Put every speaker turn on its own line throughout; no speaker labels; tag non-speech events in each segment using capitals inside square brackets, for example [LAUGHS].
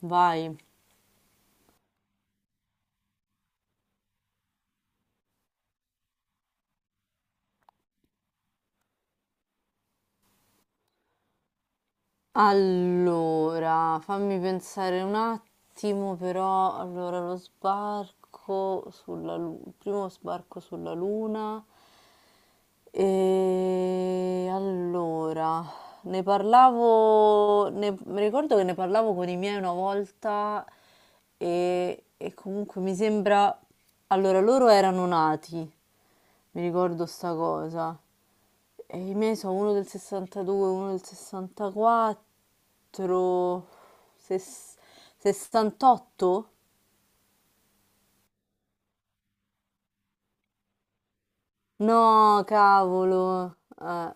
Vai. Allora, fammi pensare un attimo, però. Allora, lo sbarco sulla Luna, il primo sbarco sulla Luna. E allora, ne parlavo, mi ricordo che ne parlavo con i miei una volta e, comunque mi sembra, allora loro erano nati, mi ricordo sta cosa. E i miei sono uno del 62, uno del 64, ses- 68? No, cavolo.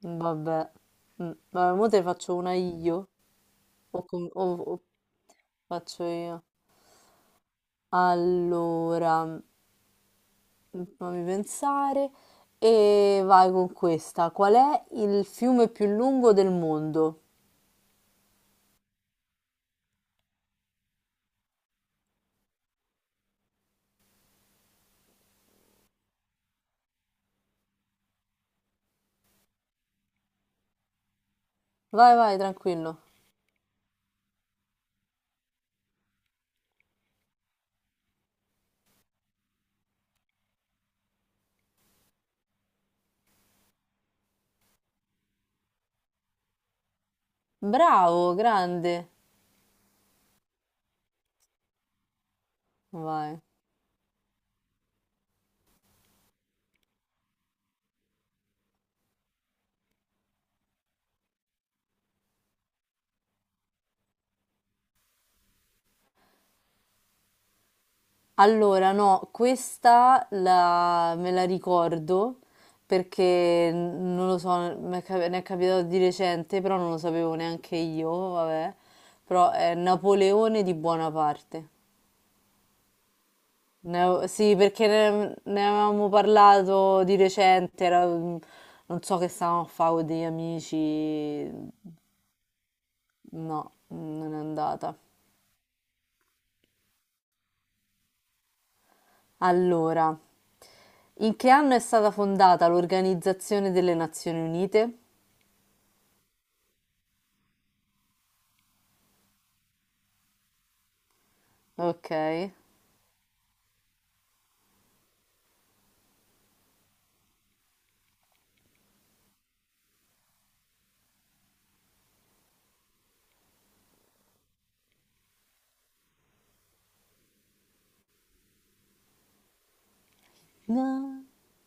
Vabbè. Vabbè, mo te faccio una io o, o faccio io. Allora, fammi pensare e vai con questa. Qual è il fiume più lungo del mondo? Vai, tranquillo. Bravo, grande. Vai. Allora, no, me la ricordo perché non lo so, ne è capitato di recente, però non lo sapevo neanche io, vabbè. Però è Napoleone di Buonaparte. Sì, perché ne avevamo parlato di recente, non so che stavamo a fare con degli amici, no, non è andata. Allora, in che anno è stata fondata l'Organizzazione delle Nazioni Unite? Okay. No,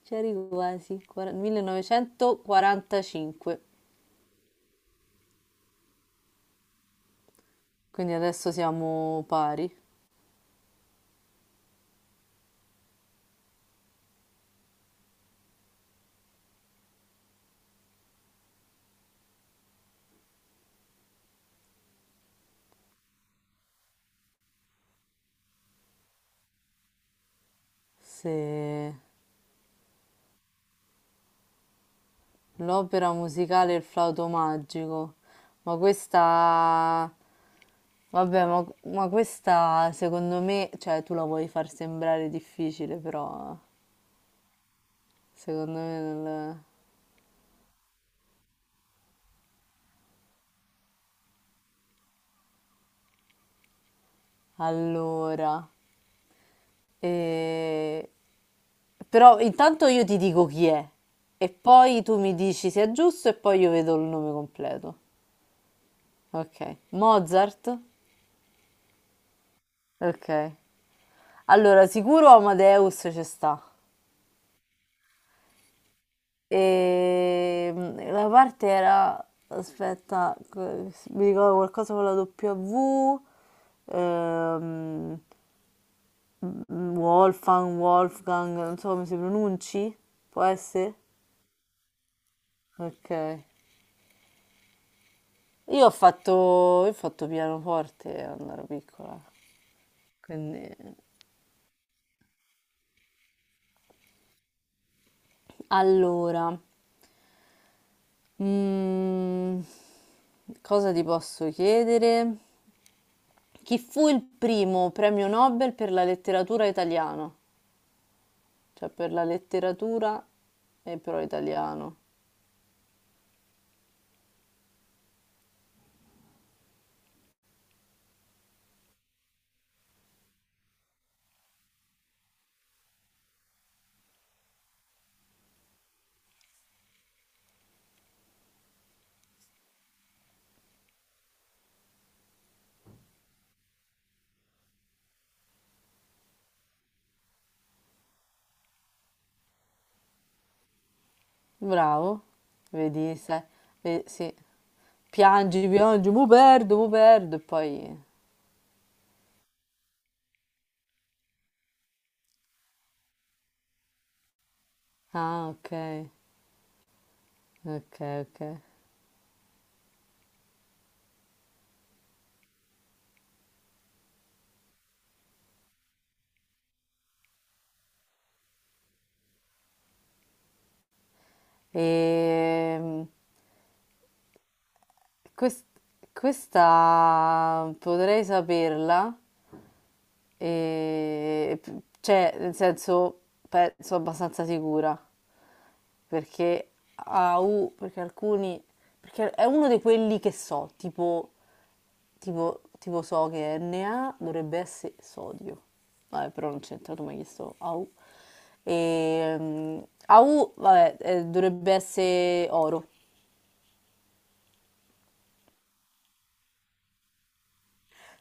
c'eri quasi. 1945. Quindi adesso siamo pari. Se l'opera musicale Il flauto magico. Ma questa vabbè, ma questa secondo me, cioè tu la vuoi far sembrare difficile, però secondo me Allora, e però intanto io ti dico chi è e poi tu mi dici se è giusto e poi io vedo il nome completo. Ok. Mozart? Ok. Allora, sicuro Amadeus ci sta. E la parte era... Aspetta, mi ricordo qualcosa con la W. Ehm, Wolfgang, non so come si pronunci. Può essere? Ok. Io ho fatto pianoforte quando ero piccola. Quindi, allora, mm, cosa ti posso chiedere? Chi fu il primo premio Nobel per la letteratura italiana? Cioè per la letteratura e però italiano. Bravo, vedi, sai, sì. Piangi, piangi, mo perdo e poi... Ah, ok, ok. E questa potrei saperla e, cioè, nel senso, penso abbastanza sicura, perché perché perché è uno di quelli che so, tipo, tipo so che Na dovrebbe essere sodio. Vabbè, però non c'entra, tu mi hai chiesto AU. E, AU, vabbè, dovrebbe essere oro.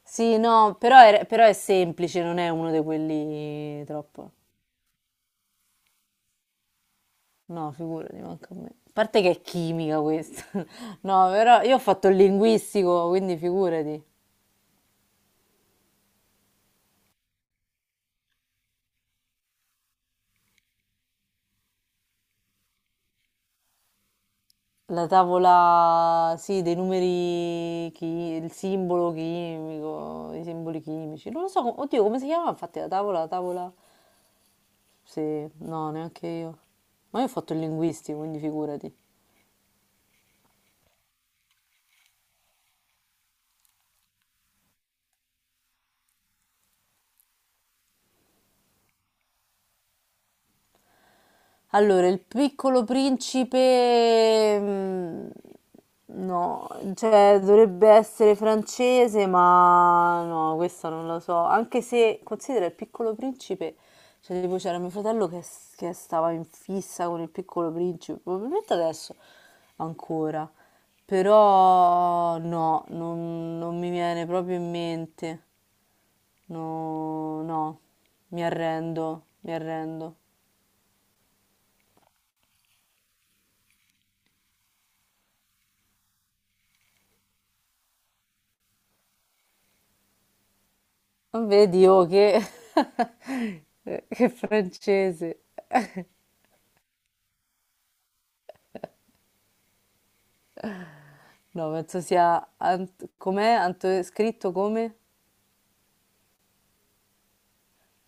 Sì, no, però è semplice, non è uno di quelli troppo. No, figurati, manca a me. A parte che è chimica questa. [LAUGHS] No, però io ho fatto il linguistico, quindi figurati. La tavola, sì, dei numeri, il simbolo chimico, i simboli chimici. Non lo so, oddio, come si chiamava? Infatti la tavola... Sì, no, neanche io. Ma io ho fatto il linguistico, quindi figurati. Allora, il piccolo principe, no, cioè dovrebbe essere francese, ma no, questa non lo so. Anche se considera il piccolo principe, cioè tipo c'era mio fratello che, che stava in fissa con il piccolo principe, probabilmente adesso ancora, però no, non mi viene proprio in mente, no, no, mi arrendo, mi arrendo. Vedi, oh, che, [LAUGHS] che francese. No, penso sia... com'è? Scritto come?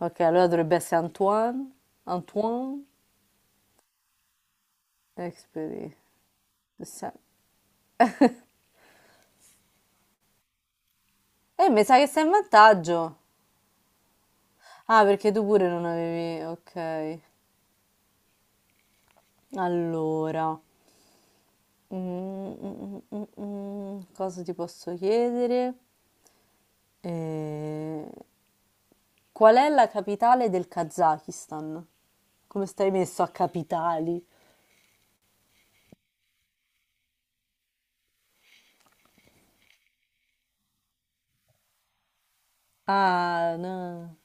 Ok, allora dovrebbe essere Antoine. Antoine Expedi. Sa- eh, mi sa che sei in vantaggio. Ah, perché tu pure non avevi... Ok. Allora... cosa ti posso chiedere? Eh, Qual è la capitale del Kazakistan? Come stai messo a capitali? Ah, no,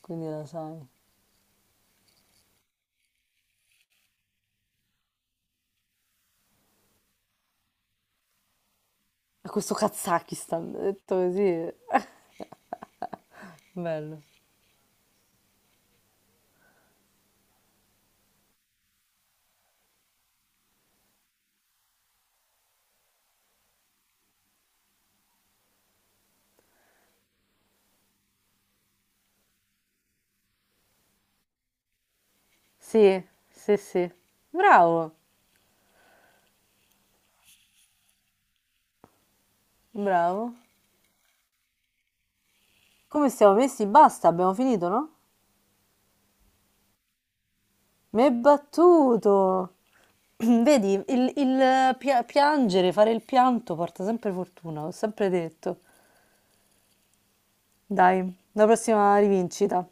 quindi lo sai. A questo Kazakistan, detto così, bello. Sì, sì, sì. Bravo, bravo. Come stiamo messi? Basta, abbiamo finito, no? Mi hai battuto. [CLEARS THROAT] Vedi, il, piangere, fare il pianto porta sempre fortuna, l'ho sempre detto. Dai, la prossima rivincita.